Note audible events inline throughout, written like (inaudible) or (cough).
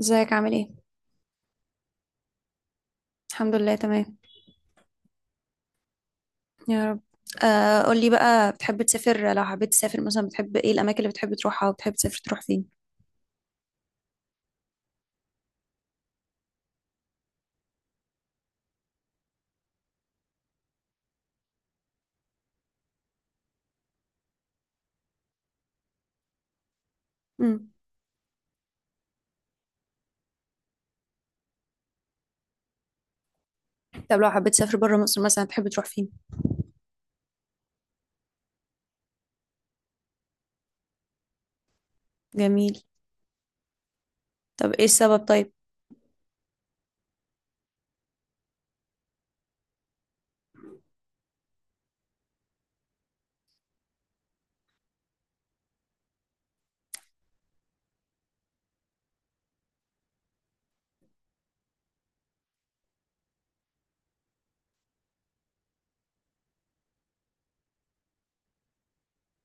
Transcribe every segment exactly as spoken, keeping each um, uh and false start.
ازيك عامل ايه؟ الحمد لله تمام. يا رب. آه قولي بقى بتحب تسافر لو حبيت تسافر مثلا بتحب ايه الاماكن اللي بتحب تروحها وبتحب تسافر تروح فين؟ مم. طب لو حبيت تسافر بره مصر مثلا بتحب تروح فين؟ جميل. طب ايه السبب طيب؟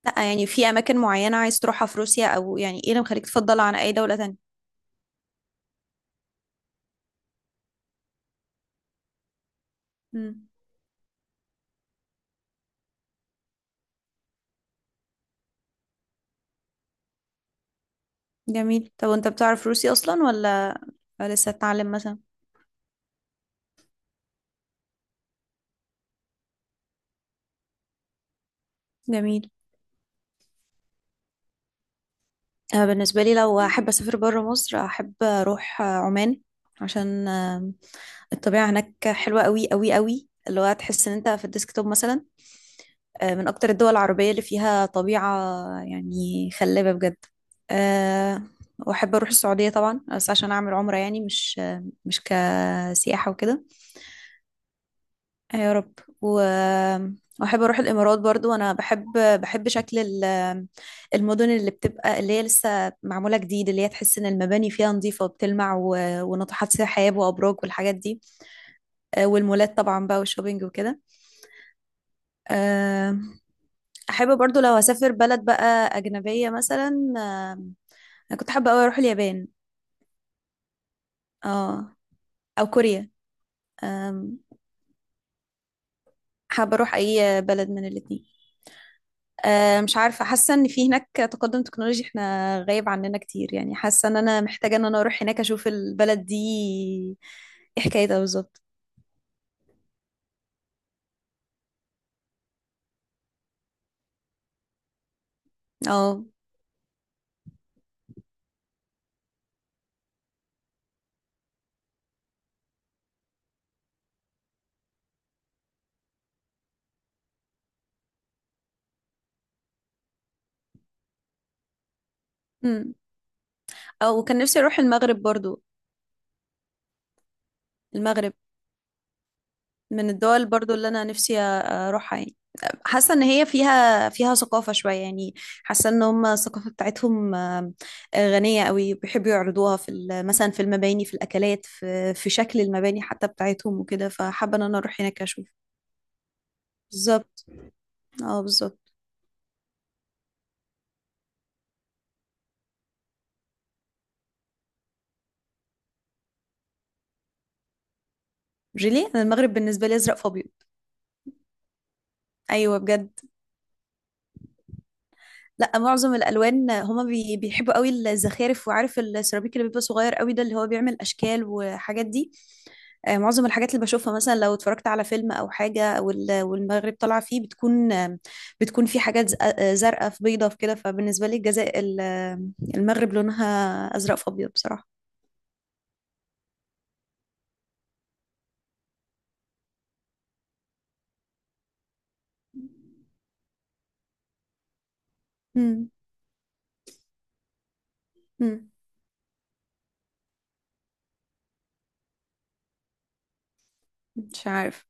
لا يعني في اماكن معينة عايز تروحها في روسيا او يعني ايه اللي مخليك تفضلها عن اي دولة تانية؟ مم. جميل. طب وانت بتعرف روسي اصلا ولا ولا لسه تتعلم مثلا؟ جميل. آه بالنسبة لي لو احب اسافر بره مصر احب اروح آه، عمان. عشان آه، الطبيعة هناك حلوة قوي قوي قوي، اللي هو هتحس ان انت في الديسكتوب مثلا. آه، من اكتر الدول العربية اللي فيها طبيعة يعني خلابة بجد. آه، واحب اروح السعودية طبعا، بس عشان اعمل عمرة يعني مش آه، مش كسياحة وكده. آه، يا رب. و... واحب اروح الامارات برضو، انا بحب، بحب شكل ال- المدن اللي بتبقى، اللي هي لسه معمولة جديد، اللي هي تحس ان المباني فيها نظيفة وبتلمع و... وناطحات سحاب وابراج والحاجات دي. آه، والمولات طبعا بقى والشوبينج وكده. آه، احب برضو لو هسافر بلد بقى اجنبيه مثلا، آم، انا كنت حابه قوي اروح اليابان. اه. او كوريا. آم، حابه اروح اي بلد من الاتنين. آه، مش عارفه، حاسه ان في هناك تقدم تكنولوجي احنا غايب عننا كتير، يعني حاسه ان انا محتاجه ان انا اروح هناك اشوف البلد دي ايه حكايتها بالظبط. اه. أمم. او كان نفسي اروح المغرب برضو. المغرب من الدول برضو اللي انا نفسي اروحها يعني، حاسه ان هي فيها فيها ثقافه شويه يعني. حاسه ان هم الثقافه بتاعتهم آم، غنيه قوي، بيحبوا يعرضوها في ال- مثلا في المباني، في الاكلات، في في شكل المباني حتى بتاعتهم وكده، فحابه ان انا اروح هناك اشوف. بالظبط. اه بالظبط. جيلي انا المغرب بالنسبه لي ازرق فابيض. ايوه بجد. لا، معظم الالوان هما بي بيحبوا قوي الزخارف، وعارف السيراميك اللي بيبقى صغير قوي ده اللي هو بيعمل اشكال وحاجات دي. آه، معظم الحاجات اللي بشوفها مثلا لو اتفرجت على فيلم او حاجه وال- والمغرب طالعه فيه، بتكون آم، بتكون في حاجات ز- آه، زرقاء، في بيضه، في كده، فبالنسبه لي الجزاء ال- آم، المغرب لونها ازرق في ابيض بصراحه. مم. مم. مش عارف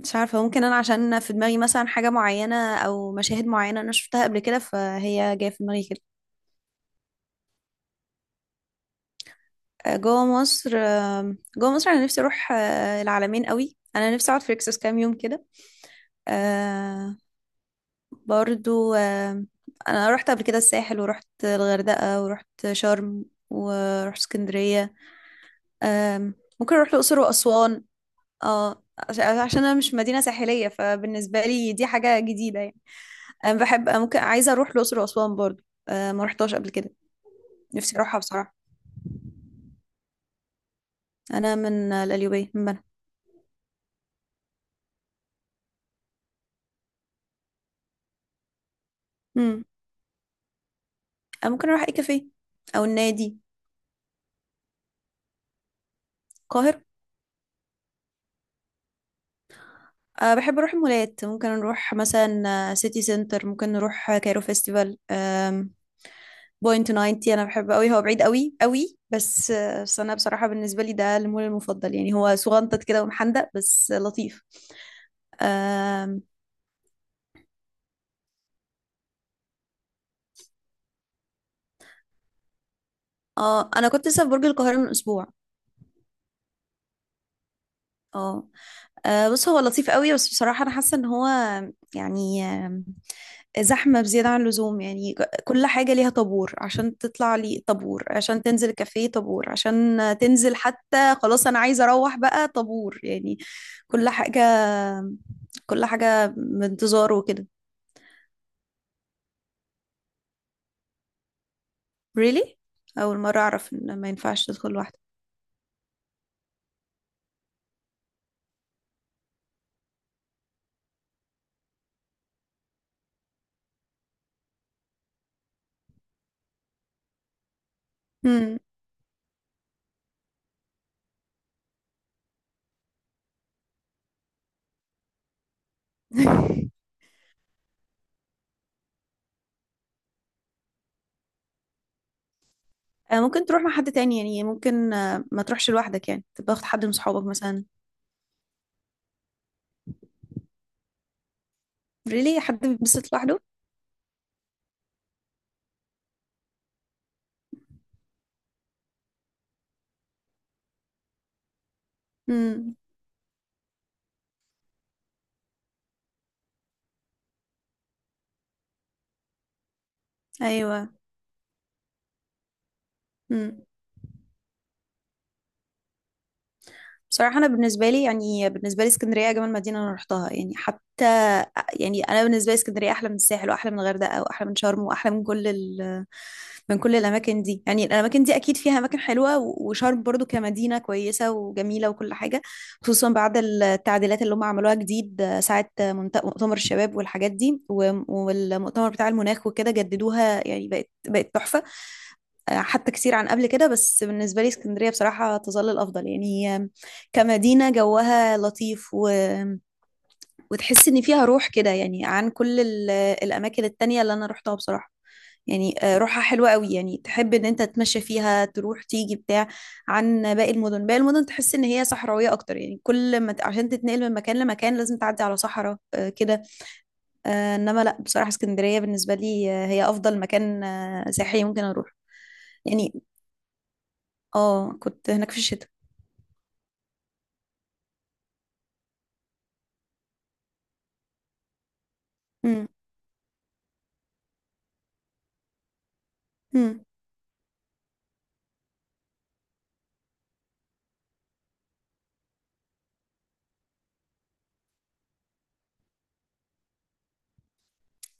مش عارفه ممكن انا عشان في دماغي مثلا حاجه معينه او مشاهد معينه انا شفتها قبل كده، فهي جايه في دماغي كده. آه، جوه مصر آم، جوه مصر انا نفسي اروح آه، العلمين قوي، انا نفسي اقعد في ريكسوس كام يوم كده. آه، برضو آه، انا رحت قبل كده الساحل ورحت الغردقة ورحت شرم ورحت اسكندرية. آم، ممكن اروح الاقصر واسوان. اه. عش- عشان انا مش مدينة ساحلية، فبالنسبة لي دي حاجة جديدة يعني. انا بحب أنا ممكن عايزة اروح الاقصر واسوان برضو. آه، ما رحتهاش قبل كده. نفسي اروحها بصراحة. انا من آه، القليوبية، من بنها. مم. انا ممكن اروح اي كافيه، او النادي. القاهرة. أه بحب أروح مولات، ممكن نروح مثلا آه، سيتي سنتر، ممكن نروح آه، كايرو فيستيفال أم بوينت تسعين، انا بحبه قوي. هو بعيد قوي قوي، بس آه، بس انا بصراحه بالنسبه لي ده المول المفضل يعني، هو صغنطط كده ومحندق، بس لطيف. آم، اه، انا كنت لسه في برج القاهره من اسبوع. اه. آه، بص، هو لطيف قوي، بس بصراحه انا حاسه ان هو يعني آم، زحمه بزياده عن اللزوم، يعني ك- كل حاجه ليها طابور، عشان تطلع لي طابور، عشان تنزل كافيه طابور، عشان تنزل حتى خلاص انا عايزه اروح بقى طابور، يعني كل حاجه كل حاجة بانتظار وكده. Really؟ أول مرة أعرف إن ما ينفعش تدخل لوحدك. مم. (laughs) آه، ممكن تروح مع حد تاني، يعني ممكن آه، ما تروحش لوحدك، يعني تبقى واخد حد من صحابك مثلا. Really؟ حد بيتبسط لوحده؟ مم. أيوة. مم. بصراحة أنا بالنسبة لي يعني بالنسبة لي اسكندرية أجمل مدينة أنا رحتها، يعني حتى آه، يعني أنا بالنسبة لي اسكندرية أحلى من الساحل وأحلى من الغردقة وأحلى من شرم وأحلى من كل، من كل الأماكن دي. يعني الأماكن دي أكيد فيها أماكن حلوة و- وشرم برضو كمدينة كويسة وجميلة وكل حاجة، خصوصا بعد التعديلات اللي هم عملوها جديد ساعة منت- مؤتمر الشباب والحاجات دي و- والمؤتمر بتاع المناخ وكده، جددوها يعني، بقت بقت تحفة حتى كتير عن قبل كده، بس بالنسبة لي اسكندرية بصراحة تظل الأفضل، يعني هي كمدينة جوها لطيف و وتحس ان فيها روح كده، يعني عن كل ال- الاماكن التانية اللي انا روحتها بصراحة. يعني آه، روحها حلوة قوي، يعني تحب ان انت تتمشى فيها، تروح تيجي بتاع، عن باقي المدن باقي المدن تحس ان هي صحراوية اكتر، يعني كل ما ت- عشان تتنقل من مكان لمكان لازم تعدي على صحراء آه، كده. آه، انما لا، بصراحة اسكندرية بالنسبة لي آه، هي افضل مكان آه، سياحي ممكن اروح يعني. اه كنت هناك في الشتاء. امم. امم.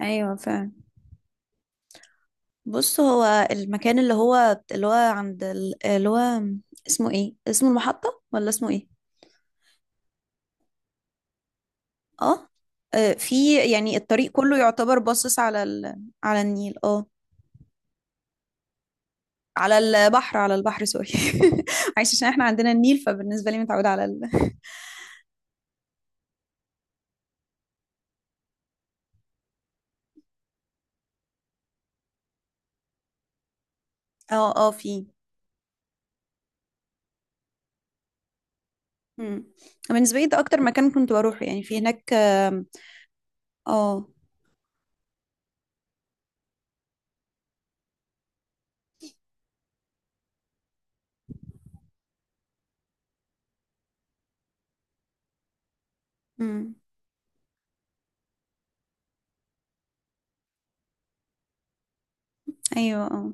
ايوه فعلا. بص، هو المكان اللي هو اللي هو عند ال- اللي هو اسمه ايه، اسمه المحطة ولا اسمه ايه؟ اه. آه، في، يعني الطريق كله يعتبر باصص على ال... على النيل. اه. على البحر، على البحر، سوري. (laughs) عايش، عشان احنا عندنا النيل، فبالنسبة لي متعودة على ال... اه، اه، في. مم. بالنسبة لي ده اكتر مكان كنت بروحه، يعني في هناك آم، اه. مم. ايوه. اه.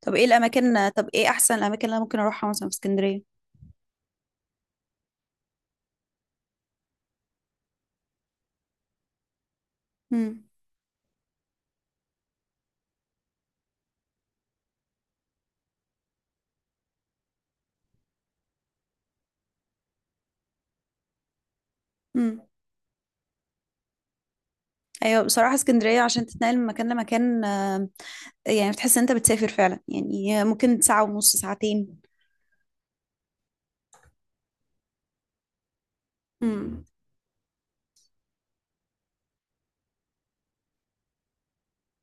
طب ايه الاماكن طب ايه احسن الاماكن اللي انا ممكن اروحها مثلا في اسكندرية؟ مم. مم. ايوه، بصراحه اسكندريه عشان تتنقل من مكان لمكان آه، يعني بتحس ان انت بتسافر فعلا، يعني ممكن ساعه ونص، ساعتين. امم.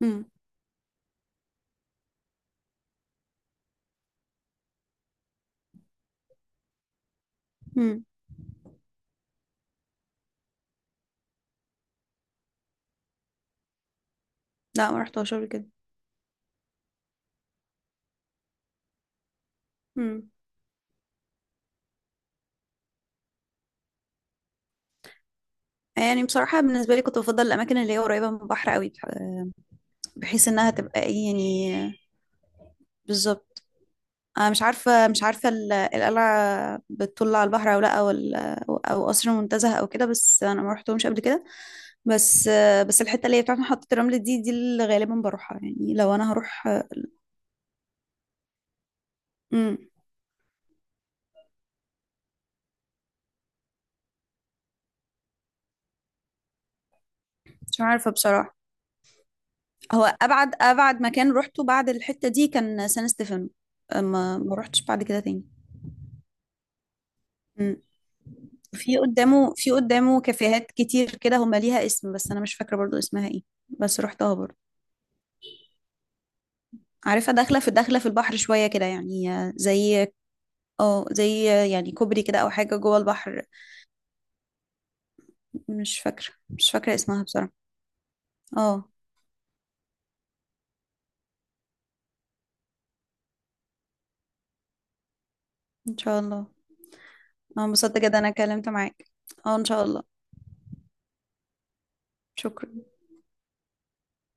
امم. امم. لا، ما رحتهاش قبل كده. امم. يعني بصراحه بالنسبه لي كنت بفضل الاماكن اللي هي قريبه من البحر قوي، بح- بحيث انها تبقى ايه يعني. بالظبط. انا مش عارفه مش عارفه ال- القلعه بتطل على البحر او لا، او ال- او أو قصر منتزه او كده، بس انا ما رحتهمش قبل كده. بس آه، بس الحته اللي هي بتاعت محطه الرمل دي دي اللي غالبا بروحها، يعني لو انا هروح. مش عارفة بصراحة. هو أبعد أبعد مكان روحته بعد الحتة دي كان سان ستيفانو. ما ما روحتش بعد كده تاني. مم. في قدامه في قدامه كافيهات كتير كده، هما ليها اسم بس أنا مش فاكرة برضو اسمها ايه. بس روحتها برضو. عارفة داخلة في داخلة في البحر شوية كده، يعني آه، زي، اه زي، يعني كوبري كده أو حاجة جوه البحر. مش فاكرة مش فاكرة اسمها بصراحة. اه إن شاء الله. أنا انبسطت جدا أنا اتكلمت معاك. اه إن شاء الله. شكرا.